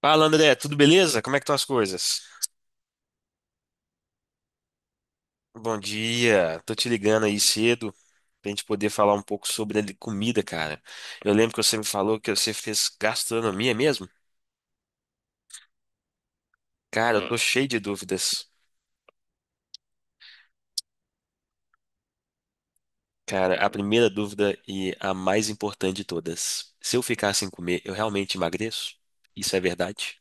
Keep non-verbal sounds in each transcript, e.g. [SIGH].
Fala, André, tudo beleza? Como é que estão as coisas? Bom dia, tô te ligando aí cedo pra gente poder falar um pouco sobre a comida, cara. Eu lembro que você me falou que você fez gastronomia mesmo? Cara, eu tô cheio de dúvidas. Cara, a primeira dúvida e a mais importante de todas. Se eu ficar sem comer, eu realmente emagreço? Isso é verdade?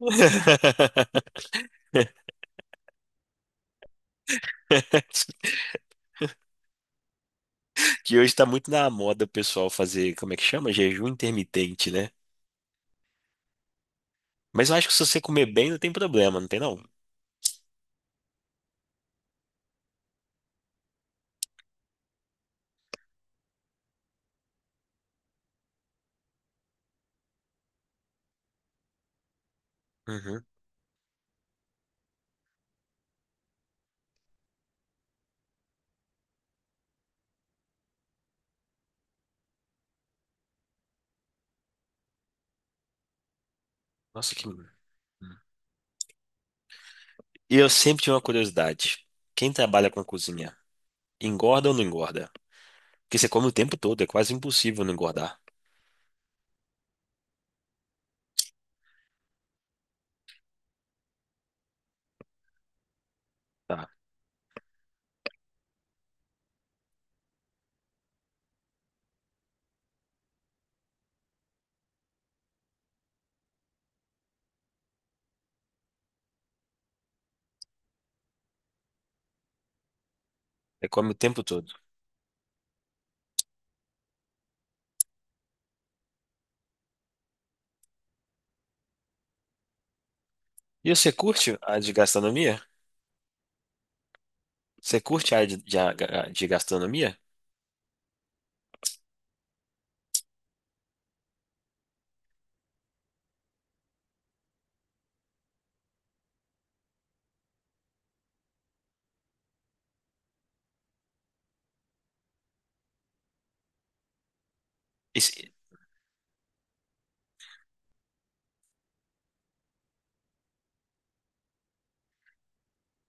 [LAUGHS] Que hoje tá muito na moda o pessoal fazer, como é que chama? Jejum intermitente, né? Mas eu acho que se você comer bem, não tem problema, não tem não? Uhum. Nossa, que. Hum. E eu sempre tive uma curiosidade. Quem trabalha com cozinha, engorda ou não engorda? Porque você come o tempo todo, é quase impossível não engordar. Tá. Você come o tempo todo. E você curte a de gastronomia? Você curte a área de, a- de gastronomia? Esse-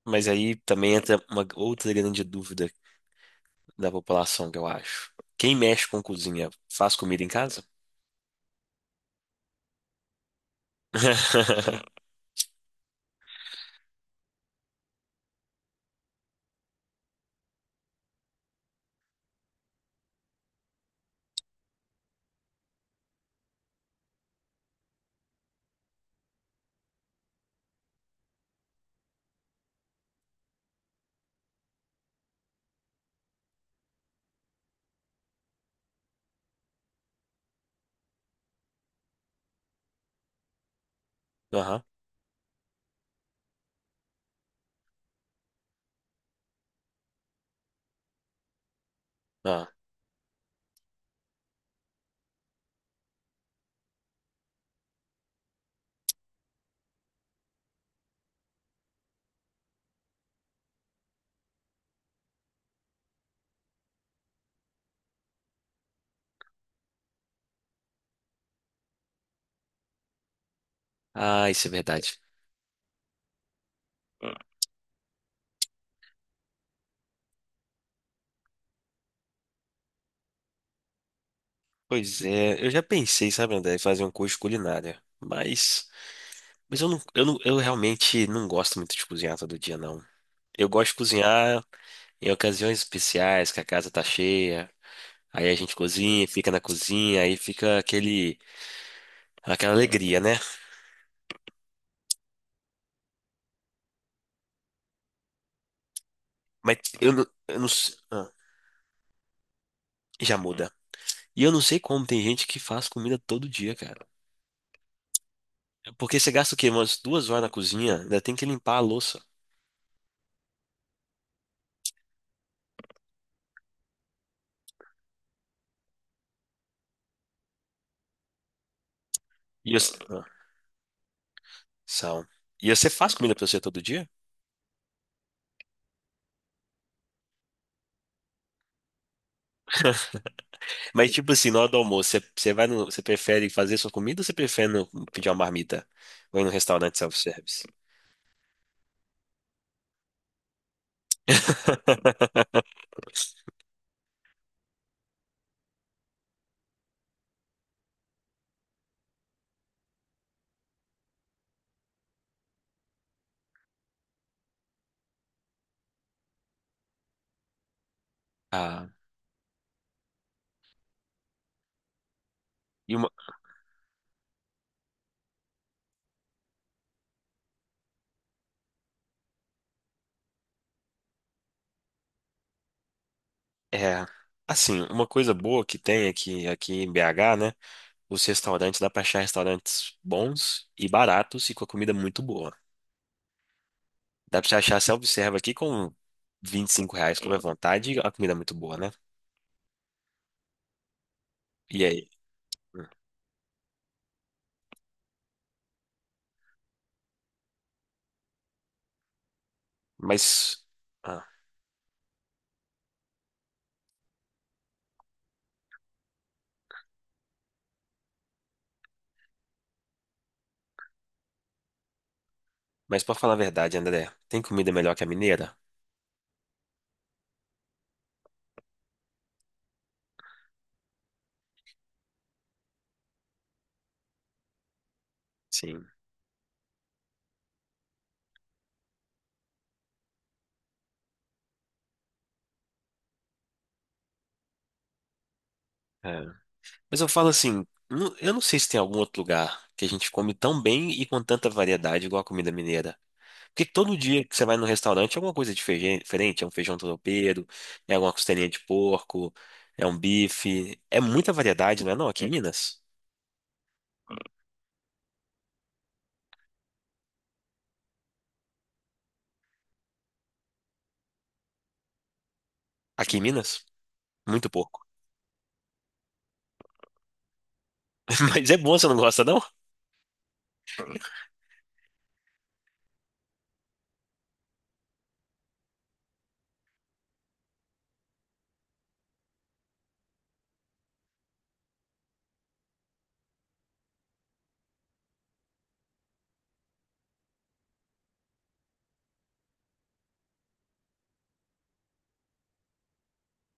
mas aí também entra uma outra grande dúvida da população, que eu acho. Quem mexe com cozinha faz comida em casa? [LAUGHS] Aham. Ah, Ah, isso é verdade. Pois é, eu já pensei, sabe, André, em fazer um curso de culinária, mas, eu não, eu realmente não gosto muito de cozinhar todo dia, não. Eu gosto de cozinhar em ocasiões especiais, que a casa tá cheia, aí a gente cozinha, fica na cozinha, aí fica aquele, aquela alegria, né? Mas eu não, já muda. E eu não sei como tem gente que faz comida todo dia, cara. Porque você gasta o quê? Umas 2 horas na cozinha, ainda tem que limpar a louça. E você, sal. E você faz comida pra você todo dia? Mas, tipo assim, na hora do almoço, você vai no, você prefere fazer sua comida ou você prefere pedir uma marmita? Ou ir no restaurante self-service? [LAUGHS] Ah, e uma, é, assim, uma coisa boa que tem aqui, aqui em BH, né? Os restaurantes, dá pra achar restaurantes bons e baratos e com a comida muito boa. Dá pra você achar self-serve aqui com R$ 25, come à vontade, e a comida é muito boa, né? E aí? Hum, Mas, ah, mas pra falar a verdade, André, tem comida melhor que a mineira? Sim. É. Mas eu falo assim, eu não sei se tem algum outro lugar que a gente come tão bem e com tanta variedade igual a comida mineira. Porque todo dia que você vai no restaurante é alguma coisa diferente, é um feijão tropeiro, é alguma costelinha de porco, é um bife, é muita variedade, não é não? Aqui em Minas. Aqui em Minas, muito porco. [LAUGHS] Mas é bom, você não gosta não?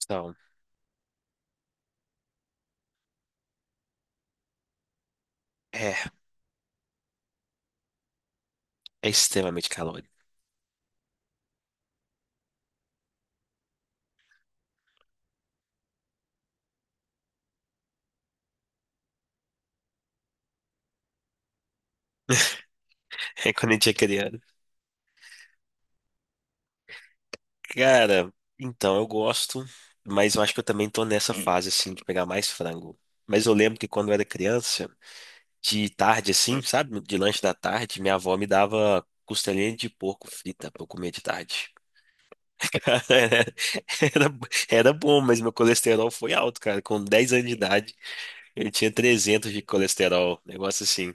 Então, é, é extremamente calórico. [LAUGHS] É quando a gente é criança. Cara, então eu gosto, mas eu acho que eu também tô nessa fase assim de pegar mais frango. Mas eu lembro que quando eu era criança de tarde, assim, sabe? De lanche da tarde, minha avó me dava costelinha de porco frita pra eu comer de tarde. [LAUGHS] Cara, era, era bom, mas meu colesterol foi alto, cara. Com 10 anos de idade, eu tinha 300 de colesterol. Negócio assim.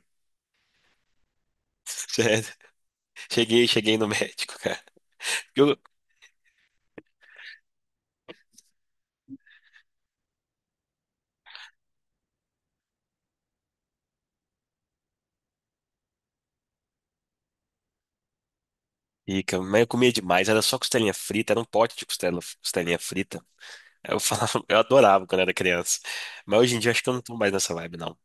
[LAUGHS] Sério. Cheguei no médico, cara. Eu, Fica, mas eu comia demais, era só costelinha frita, era um pote de costela, costelinha frita. Eu falava, eu adorava quando era criança. Mas hoje em dia eu acho que eu não tô mais nessa vibe, não.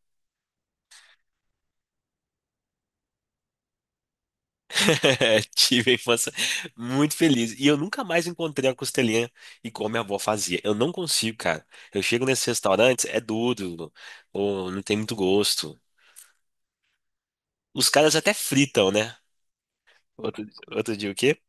[LAUGHS] É, tive a infância muito feliz. E eu nunca mais encontrei a costelinha igual minha avó fazia. Eu não consigo, cara. Eu chego nesses restaurantes, é duro, ou não tem muito gosto. Os caras até fritam, né? Outro, outro dia o quê?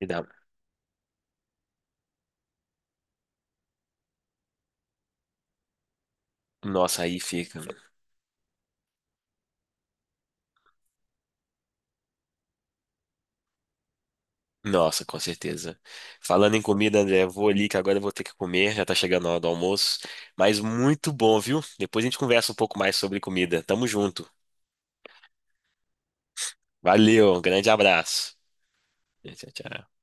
Me dá- Nossa, aí fica. Nossa, com certeza. Falando em comida, André, eu vou ali que agora eu vou ter que comer, já tá chegando a hora do almoço. Mas muito bom, viu? Depois a gente conversa um pouco mais sobre comida. Tamo junto. Valeu, um grande abraço. Tchau, tchau.